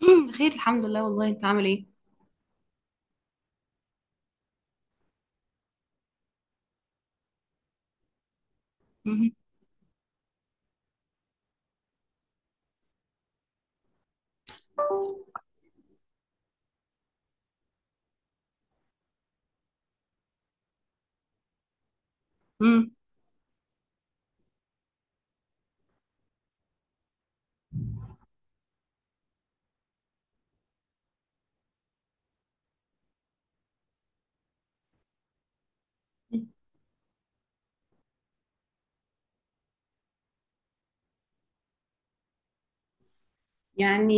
مم، خير الحمد لله. والله انت عامل ايه؟ مم، مم. يعني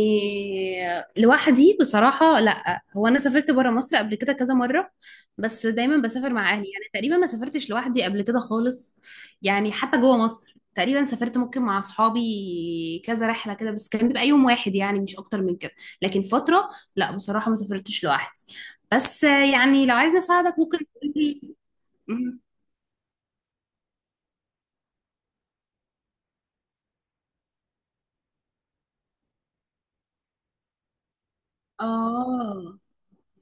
لوحدي بصراحة، لا. هو انا سافرت برا مصر قبل كده كذا مرة، بس دايما بسافر مع اهلي. يعني تقريبا ما سافرتش لوحدي قبل كده خالص. يعني حتى جوه مصر تقريبا سافرت ممكن مع اصحابي كذا رحلة كده، بس كان بيبقى يوم واحد يعني، مش اكتر من كده. لكن فترة، لا بصراحة ما سافرتش لوحدي. بس يعني لو عايزني اساعدك ممكن تقولي. مم. اه،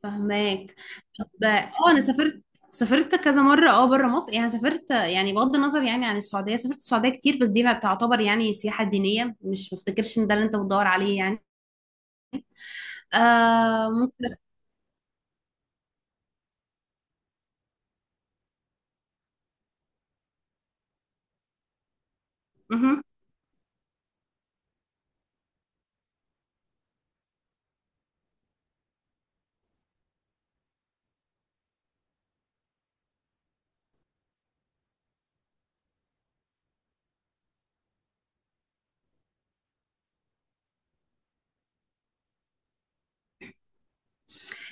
فهماك. طب اه انا سافرت كذا مره اه بره مصر، يعني سافرت يعني بغض النظر يعني عن السعوديه، سافرت السعوديه كتير، بس دي لا تعتبر يعني سياحه دينيه، مش بفتكرش ان ده اللي انت بتدور عليه يعني. آه ممكن. مهم.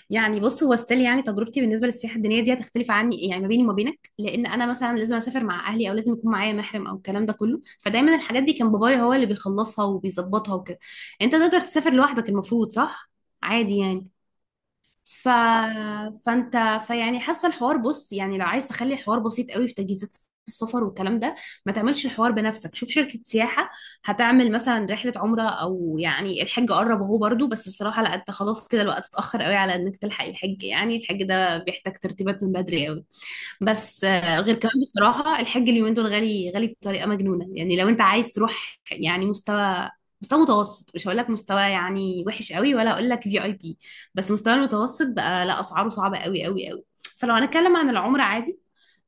يعني بص، هو ستيل يعني تجربتي بالنسبه للسياحه الدينيه دي هتختلف عني، يعني ما بيني وما بينك، لان انا مثلا لازم اسافر مع اهلي او لازم يكون معايا محرم او الكلام ده كله. فدايما الحاجات دي كان بابايا هو اللي بيخلصها وبيظبطها وكده. انت تقدر تسافر لوحدك المفروض صح؟ عادي يعني. ف... فانت، فيعني حاسه الحوار، بص يعني لو عايز تخلي الحوار بسيط قوي في تجهيزات السفر والكلام ده، ما تعملش الحوار بنفسك، شوف شركه سياحه هتعمل مثلا رحله عمره. او يعني الحج قرب اهو برضو، بس بصراحه لا، انت خلاص كده الوقت اتاخر قوي على انك تلحق الحج، يعني الحج ده بيحتاج ترتيبات من بدري قوي. بس آه، غير كمان بصراحة الحج اليومين دول غالي غالي بطريقة مجنونة. يعني لو انت عايز تروح يعني مستوى مستوى متوسط، مش هقول لك مستوى يعني وحش قوي، ولا هقول لك في اي بي، بس مستوى المتوسط بقى، لا اسعاره صعبة قوي قوي قوي. فلو هنتكلم عن العمرة عادي،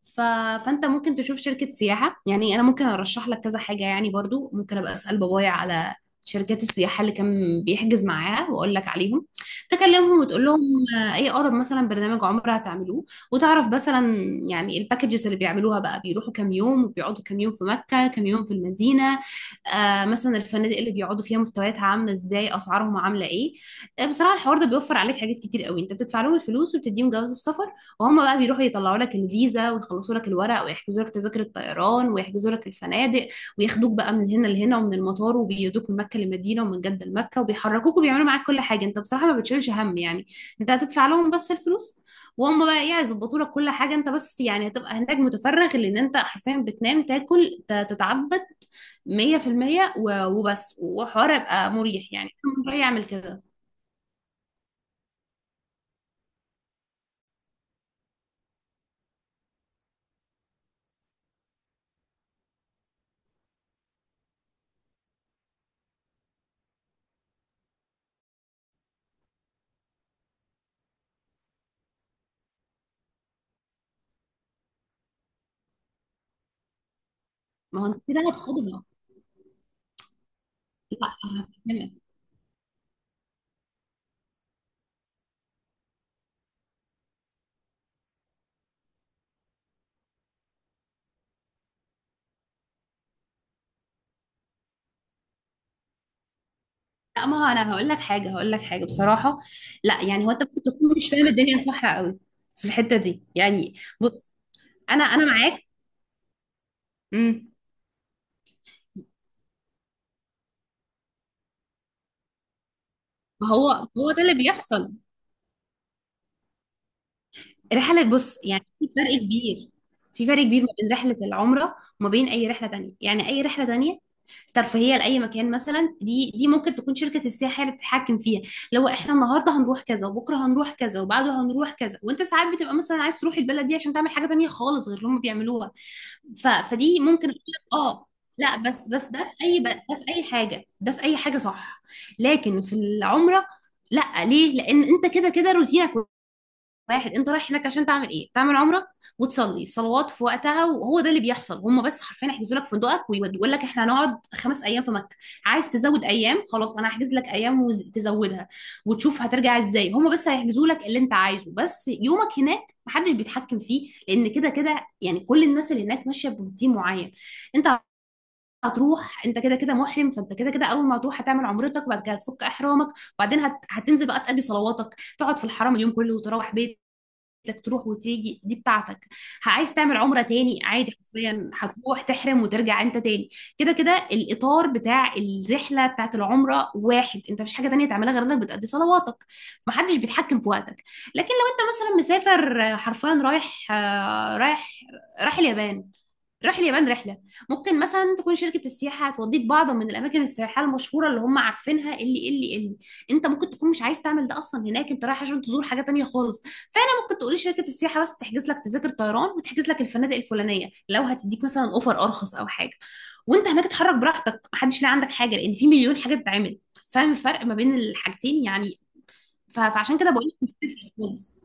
ف... فانت ممكن تشوف شركة سياحة، يعني انا ممكن ارشح لك كذا حاجة، يعني برضو ممكن ابقى اسأل بابايا على شركات السياحة اللي كان بيحجز معاها واقول لك عليهم، تكلمهم وتقول لهم، آه، اي اقرب مثلا برنامج عمرة هتعملوه، وتعرف مثلا يعني الباكجز اللي بيعملوها بقى، بيروحوا كام يوم وبيقعدوا كام يوم في مكة، كام يوم في المدينة، آه مثلا الفنادق اللي بيقعدوا فيها مستوياتها عاملة ازاي، اسعارهم عاملة ايه. آه، بصراحة الحوار ده بيوفر عليك حاجات كتير قوي، انت بتدفع لهم الفلوس وبتديهم جواز السفر، وهم بقى بيروحوا يطلعوا لك الفيزا ويخلصوا لك الورق ويحجزوا لك تذاكر الطيران ويحجزوا لك الفنادق، وياخدوك بقى من هنا لهنا، ومن المطار، وبيودوك من مكة لمدينة ومن جدة لمكة، وبيحركوك وبيعملوا معاك كل حاجة. انت بصراحة ما بتشيلش هم يعني، انت هتدفع لهم بس الفلوس وهم بقى ايه هيظبطوا لك كل حاجه. انت بس يعني هتبقى هناك متفرغ، لان انت حرفيا بتنام تاكل تتعبد 100% وبس، وحوار يبقى مريح يعني، أنا من رأيي اعمل كده. ما هو انت كده هتاخدها. لا هفهمك. لا ما هو انا هقول لك حاجه هقول لك حاجه بصراحه، لا يعني هو انت ممكن تكون مش فاهم الدنيا صح قوي في الحته دي يعني. بص انا معاك. امم. ما هو ده اللي بيحصل. رحلة، بص يعني في فرق كبير، في فرق كبير ما بين رحلة العمرة وما بين أي رحلة تانية. يعني أي رحلة تانية ترفيهية لأي مكان مثلا، دي ممكن تكون شركة السياحة هي اللي بتتحكم فيها، لو احنا النهاردة هنروح كذا، وبكرة هنروح كذا، وبعده هنروح كذا، وانت ساعات بتبقى مثلا عايز تروح البلد دي عشان تعمل حاجة تانية خالص غير اللي هم بيعملوها. فدي ممكن اقول لك اه. لا بس ده في أي بلد، ده في أي حاجة، ده في أي حاجة صح. لكن في العمرة، لا ليه؟ لأن انت كده كده روتينك واحد، انت رايح هناك عشان تعمل ايه؟ تعمل عمره، وتصلي الصلوات في وقتها. وهو ده اللي بيحصل، هم بس حرفيا يحجزوا لك فندقك ويقول لك احنا هنقعد 5 ايام في مكه، عايز تزود ايام خلاص انا هحجز لك ايام وتزودها، وتشوف هترجع ازاي. هم بس هيحجزوا لك اللي انت عايزه، بس يومك هناك محدش بيتحكم فيه، لان كده كده يعني كل الناس اللي هناك ماشيه بروتين معين. انت هتروح انت كده كده محرم، فانت كده كده اول ما هتروح هتعمل عمرتك وبعد كده هتفك احرامك، وبعدين هتنزل بقى تقضي صلواتك، تقعد في الحرم اليوم كله وتروح بيتك. انك تروح وتيجي دي بتاعتك. عايز تعمل عمرة تاني عادي، حرفيا هتروح تحرم وترجع انت تاني. كده كده الاطار بتاع الرحلة بتاعت العمرة واحد، انت مفيش حاجة تانية تعملها غير انك بتأدي صلواتك، محدش بيتحكم في وقتك. لكن لو انت مثلا مسافر آه، حرفيا رايح آه، رايح اليابان، رايح اليابان رحلة، ممكن مثلا تكون شركة السياحة هتوديك بعض من الأماكن السياحية المشهورة اللي هم عارفينها، اللي أنت ممكن تكون مش عايز تعمل ده أصلا، هناك أنت رايح عشان تزور حاجة تانية خالص. ممكن تقولي شركة السياحة بس تحجز لك تذاكر طيران وتحجز لك الفنادق الفلانية لو هتديك مثلا اوفر ارخص او حاجة، وانت هناك اتحرك براحتك، محدش لاقي عندك حاجة، لان في مليون حاجة تتعمل. فاهم الفرق ما بين الحاجتين يعني. فعشان كده بقول لك مش بتفرق خالص.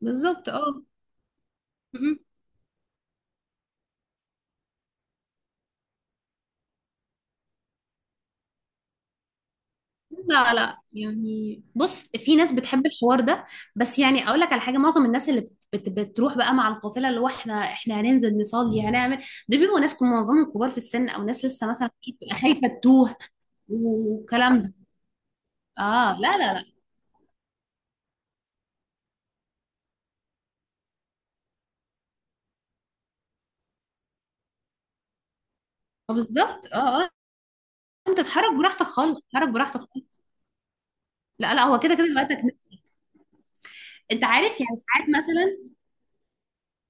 بالظبط اه. م-م. لا لا يعني بص، في ناس بتحب الحوار ده، بس يعني اقول لك على حاجة، معظم الناس اللي بتروح بقى مع القافلة اللي هو احنا هننزل نصلي هنعمل، دول بيبقوا ناس معظمهم كبار في السن، او ناس لسه مثلا بتبقى خايفة تتوه والكلام ده. اه لا لا لا. آه، بالظبط اه اه. انت تتحرك براحتك خالص، تتحرك براحتك خالص. لا لا هو كده كده وقتك. انت عارف يعني ساعات مثلا،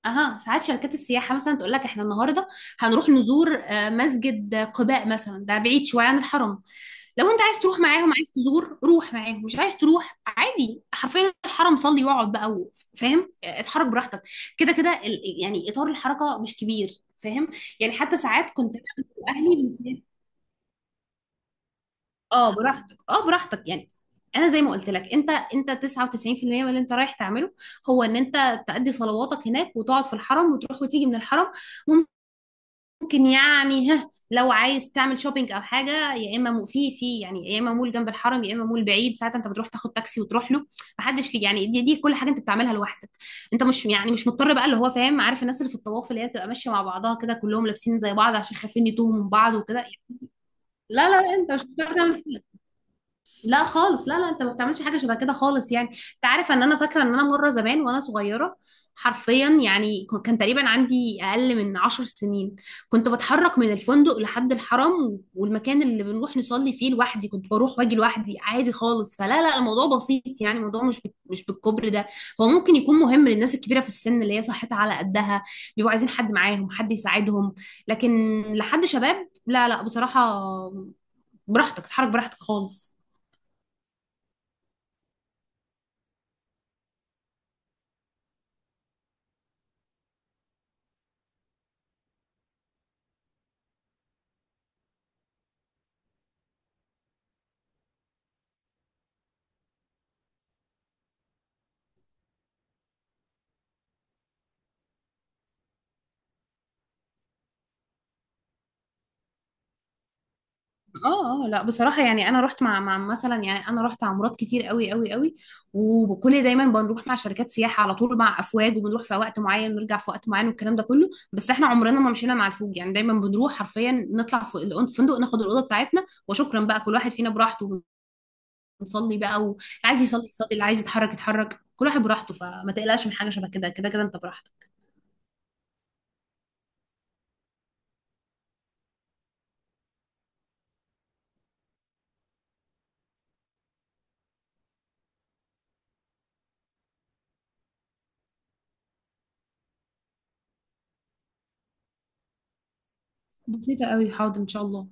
اها ساعات شركات السياحه مثلا تقول لك احنا النهارده هنروح نزور آه، مسجد قباء مثلا، ده بعيد شويه عن الحرم، لو انت عايز تروح معاهم عايز تزور روح معاهم، مش عايز تروح عادي، حرفيا الحرم صلي واقعد بقى فاهم، آه، اتحرك براحتك، كده كده يعني اطار الحركه مش كبير، فاهم. يعني حتى ساعات كنت اهلي بنسافر، اه براحتك اه براحتك يعني. انا زي ما قلت لك انت 99% من اللي انت رايح تعمله هو ان انت تأدي صلواتك هناك وتقعد في الحرم وتروح وتيجي من الحرم. ممكن يعني ها لو عايز تعمل شوبينج او حاجه، يا اما في يعني يا اما مول جنب الحرم، يا اما مول بعيد، ساعتها انت بتروح تاخد تاكسي وتروح له. محدش ليه يعني، دي كل حاجه انت بتعملها لوحدك. انت مش يعني مش مضطر بقى اللي هو فاهم، عارف الناس اللي في الطواف اللي هي بتبقى ماشيه مع بعضها كده كلهم لابسين زي بعض عشان خايفين يتوهوا من بعض وكده. لا لا لا انت مش مضطر تعمل، لا خالص، لا لا انت ما بتعملش حاجه شبه كده خالص. يعني انت عارف، ان انا فاكره ان انا مره زمان وانا صغيره حرفيا يعني، كان تقريبا عندي اقل من 10 سنين، كنت بتحرك من الفندق لحد الحرم والمكان اللي بنروح نصلي فيه لوحدي، كنت بروح واجي لوحدي عادي خالص. فلا لا الموضوع بسيط يعني، الموضوع مش مش بالكبر ده. هو ممكن يكون مهم للناس الكبيره في السن اللي هي صحتها على قدها، بيبقوا عايزين حد معاهم حد يساعدهم، لكن لحد شباب لا لا بصراحه، براحتك تتحرك براحتك خالص. اه اه لا بصراحة يعني، انا رحت مع مثلا يعني انا رحت عمارات كتير قوي قوي قوي، وكل دايما بنروح مع شركات سياحة على طول مع افواج، وبنروح في وقت معين ونرجع في وقت معين والكلام ده كله، بس احنا عمرنا ما مشينا مع الفوج يعني. دايما بنروح حرفيا نطلع فوق الفندق ناخد الأوضة بتاعتنا وشكرا بقى، كل واحد فينا براحته ونصلي بقى، واللي عايز يصلي يصلي، اللي عايز يتحرك يتحرك، كل واحد براحته. فما تقلقش من حاجة شبه كده، كده كده انت براحتك. بسيطة قوي، حاضر ان شاء الله.